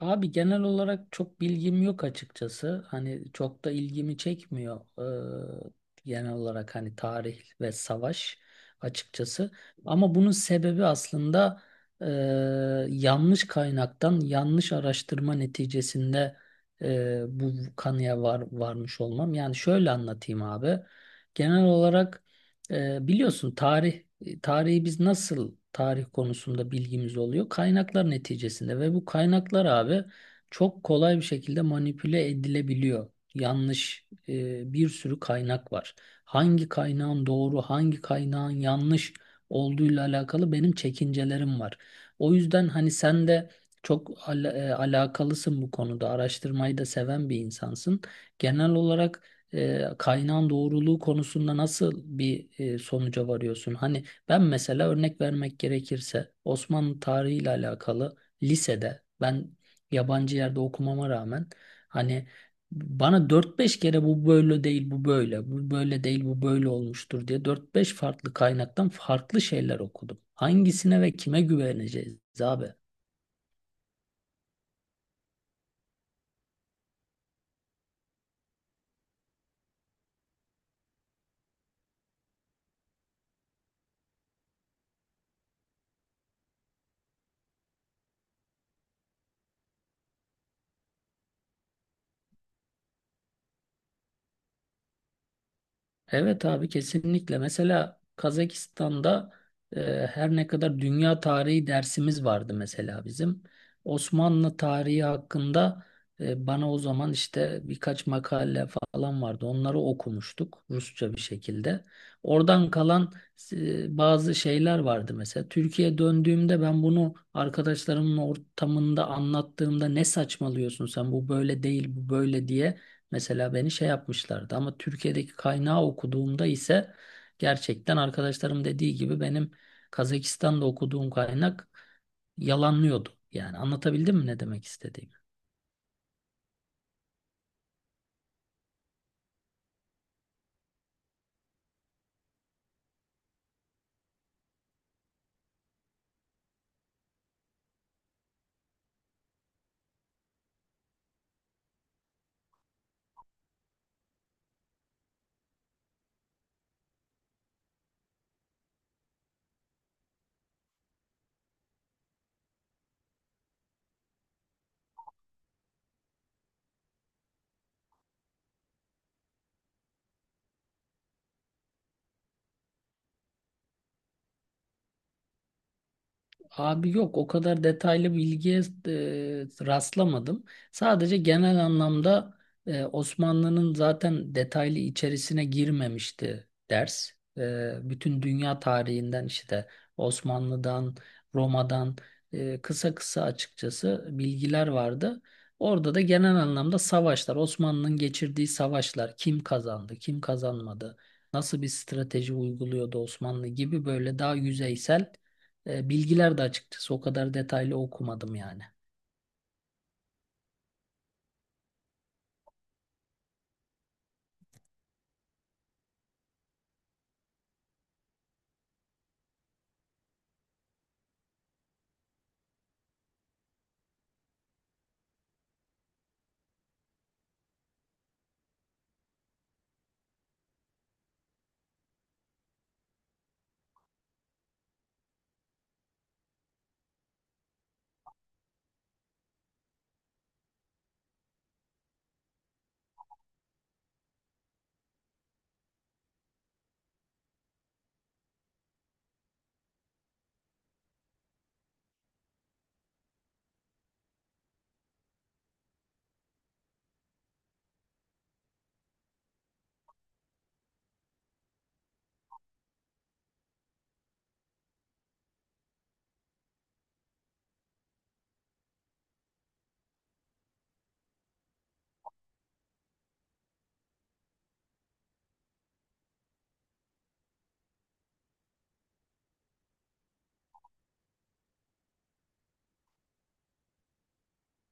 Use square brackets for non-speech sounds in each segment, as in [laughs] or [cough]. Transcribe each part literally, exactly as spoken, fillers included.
Abi genel olarak çok bilgim yok açıkçası. Hani çok da ilgimi çekmiyor. Eee, genel olarak hani tarih ve savaş açıkçası. Ama bunun sebebi aslında eee, yanlış kaynaktan yanlış araştırma neticesinde eee, bu kanıya var, varmış olmam. Yani şöyle anlatayım abi. Genel olarak eee, biliyorsun tarih e, tarihi biz nasıl tarih konusunda bilgimiz oluyor? Kaynaklar neticesinde, ve bu kaynaklar abi çok kolay bir şekilde manipüle edilebiliyor. Yanlış e, bir sürü kaynak var. Hangi kaynağın doğru, hangi kaynağın yanlış olduğuyla alakalı benim çekincelerim var. O yüzden hani sen de çok ala- e, alakalısın bu konuda. Araştırmayı da seven bir insansın. Genel olarak e, kaynağın doğruluğu konusunda nasıl bir e, sonuca varıyorsun? Hani ben mesela örnek vermek gerekirse Osmanlı tarihiyle alakalı lisede ben yabancı yerde okumama rağmen hani bana dört beş kere bu böyle değil bu böyle, bu böyle değil bu böyle olmuştur diye dört beş farklı kaynaktan farklı şeyler okudum. Hangisine ve kime güveneceğiz abi? Evet abi, kesinlikle. Mesela Kazakistan'da e, her ne kadar dünya tarihi dersimiz vardı mesela bizim. Osmanlı tarihi hakkında e, bana o zaman işte birkaç makale falan vardı. Onları okumuştuk Rusça bir şekilde. Oradan kalan e, bazı şeyler vardı mesela. Türkiye'ye döndüğümde ben bunu arkadaşlarımın ortamında anlattığımda ne saçmalıyorsun sen bu böyle değil bu böyle diye. Mesela beni şey yapmışlardı, ama Türkiye'deki kaynağı okuduğumda ise gerçekten arkadaşlarım dediği gibi benim Kazakistan'da okuduğum kaynak yalanlıyordu. Yani anlatabildim mi ne demek istediğimi? Abi yok, o kadar detaylı bilgiye e, rastlamadım. Sadece genel anlamda e, Osmanlı'nın zaten detaylı içerisine girmemişti ders. E, bütün dünya tarihinden işte Osmanlı'dan, Roma'dan e, kısa kısa açıkçası bilgiler vardı. Orada da genel anlamda savaşlar, Osmanlı'nın geçirdiği savaşlar, kim kazandı, kim kazanmadı, nasıl bir strateji uyguluyordu Osmanlı gibi böyle daha yüzeysel e, bilgiler de, açıkçası o kadar detaylı okumadım yani.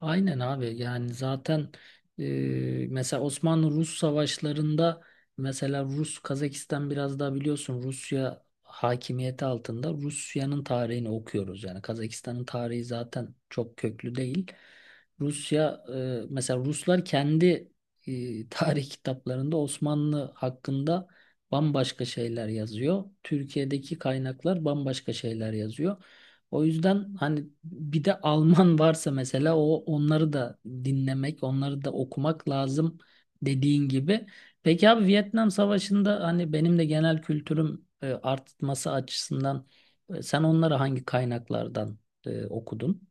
Aynen abi, yani zaten e, mesela Osmanlı-Rus savaşlarında mesela Rus, Kazakistan biraz daha biliyorsun Rusya hakimiyeti altında, Rusya'nın tarihini okuyoruz. Yani Kazakistan'ın tarihi zaten çok köklü değil. Rusya e, mesela Ruslar kendi e, [laughs] tarih kitaplarında Osmanlı hakkında bambaşka şeyler yazıyor. Türkiye'deki kaynaklar bambaşka şeyler yazıyor. O yüzden hani bir de Alman varsa mesela, o onları da dinlemek, onları da okumak lazım dediğin gibi. Peki abi, Vietnam Savaşı'nda hani benim de genel kültürüm e, artması açısından e, sen onları hangi kaynaklardan e, okudun?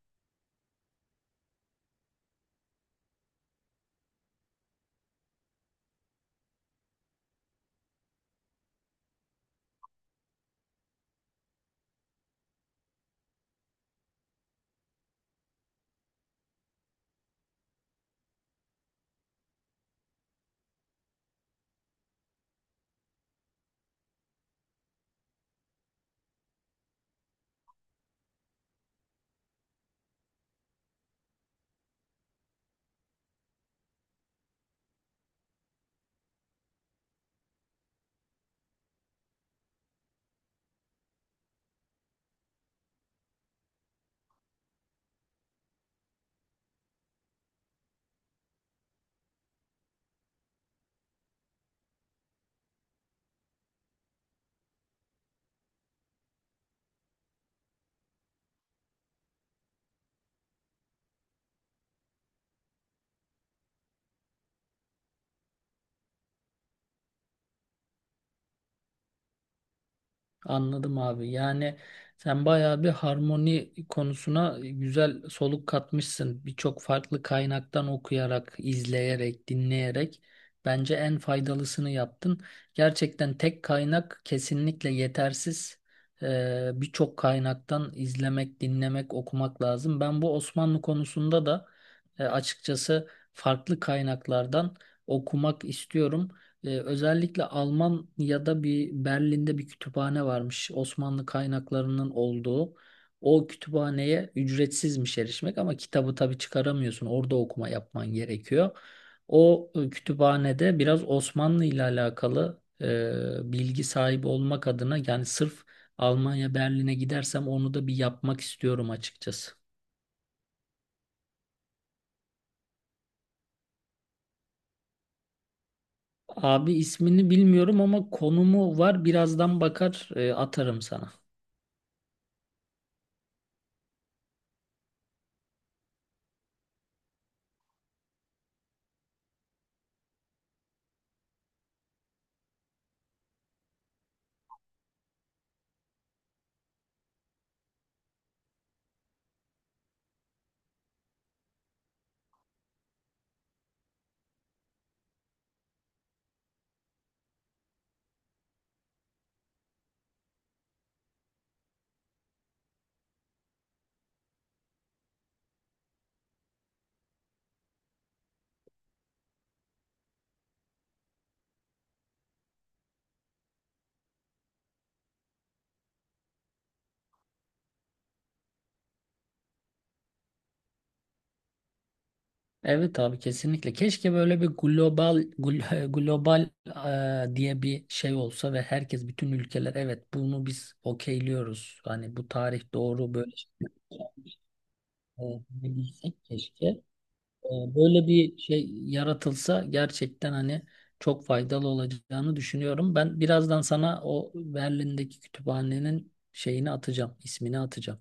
Anladım abi. Yani sen bayağı bir harmoni konusuna güzel soluk katmışsın. Birçok farklı kaynaktan okuyarak, izleyerek, dinleyerek bence en faydalısını yaptın. Gerçekten tek kaynak kesinlikle yetersiz. Ee, birçok kaynaktan izlemek, dinlemek, okumak lazım. Ben bu Osmanlı konusunda da e, açıkçası farklı kaynaklardan okumak istiyorum. Ee, özellikle Almanya'da bir, Berlin'de bir kütüphane varmış. Osmanlı kaynaklarının olduğu. O kütüphaneye ücretsizmiş erişmek, ama kitabı tabii çıkaramıyorsun. Orada okuma yapman gerekiyor. O e, kütüphanede biraz Osmanlı ile alakalı e, bilgi sahibi olmak adına, yani sırf Almanya Berlin'e gidersem onu da bir yapmak istiyorum açıkçası. Abi ismini bilmiyorum ama konumu var. Birazdan bakar e, atarım sana. Evet abi, kesinlikle. Keşke böyle bir global gl- [laughs] global e, diye bir şey olsa ve herkes, bütün ülkeler evet bunu biz okeyliyoruz, hani bu tarih doğru böyle şeyler, e, bilsek keşke. E, Böyle bir şey yaratılsa gerçekten hani çok faydalı olacağını düşünüyorum. Ben birazdan sana o Berlin'deki kütüphanenin şeyini atacağım, ismini atacağım.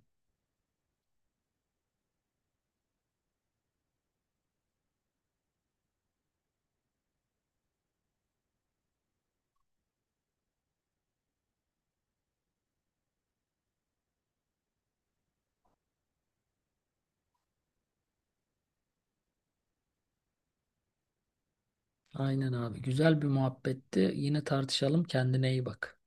Aynen abi. Güzel bir muhabbetti. Yine tartışalım. Kendine iyi bak.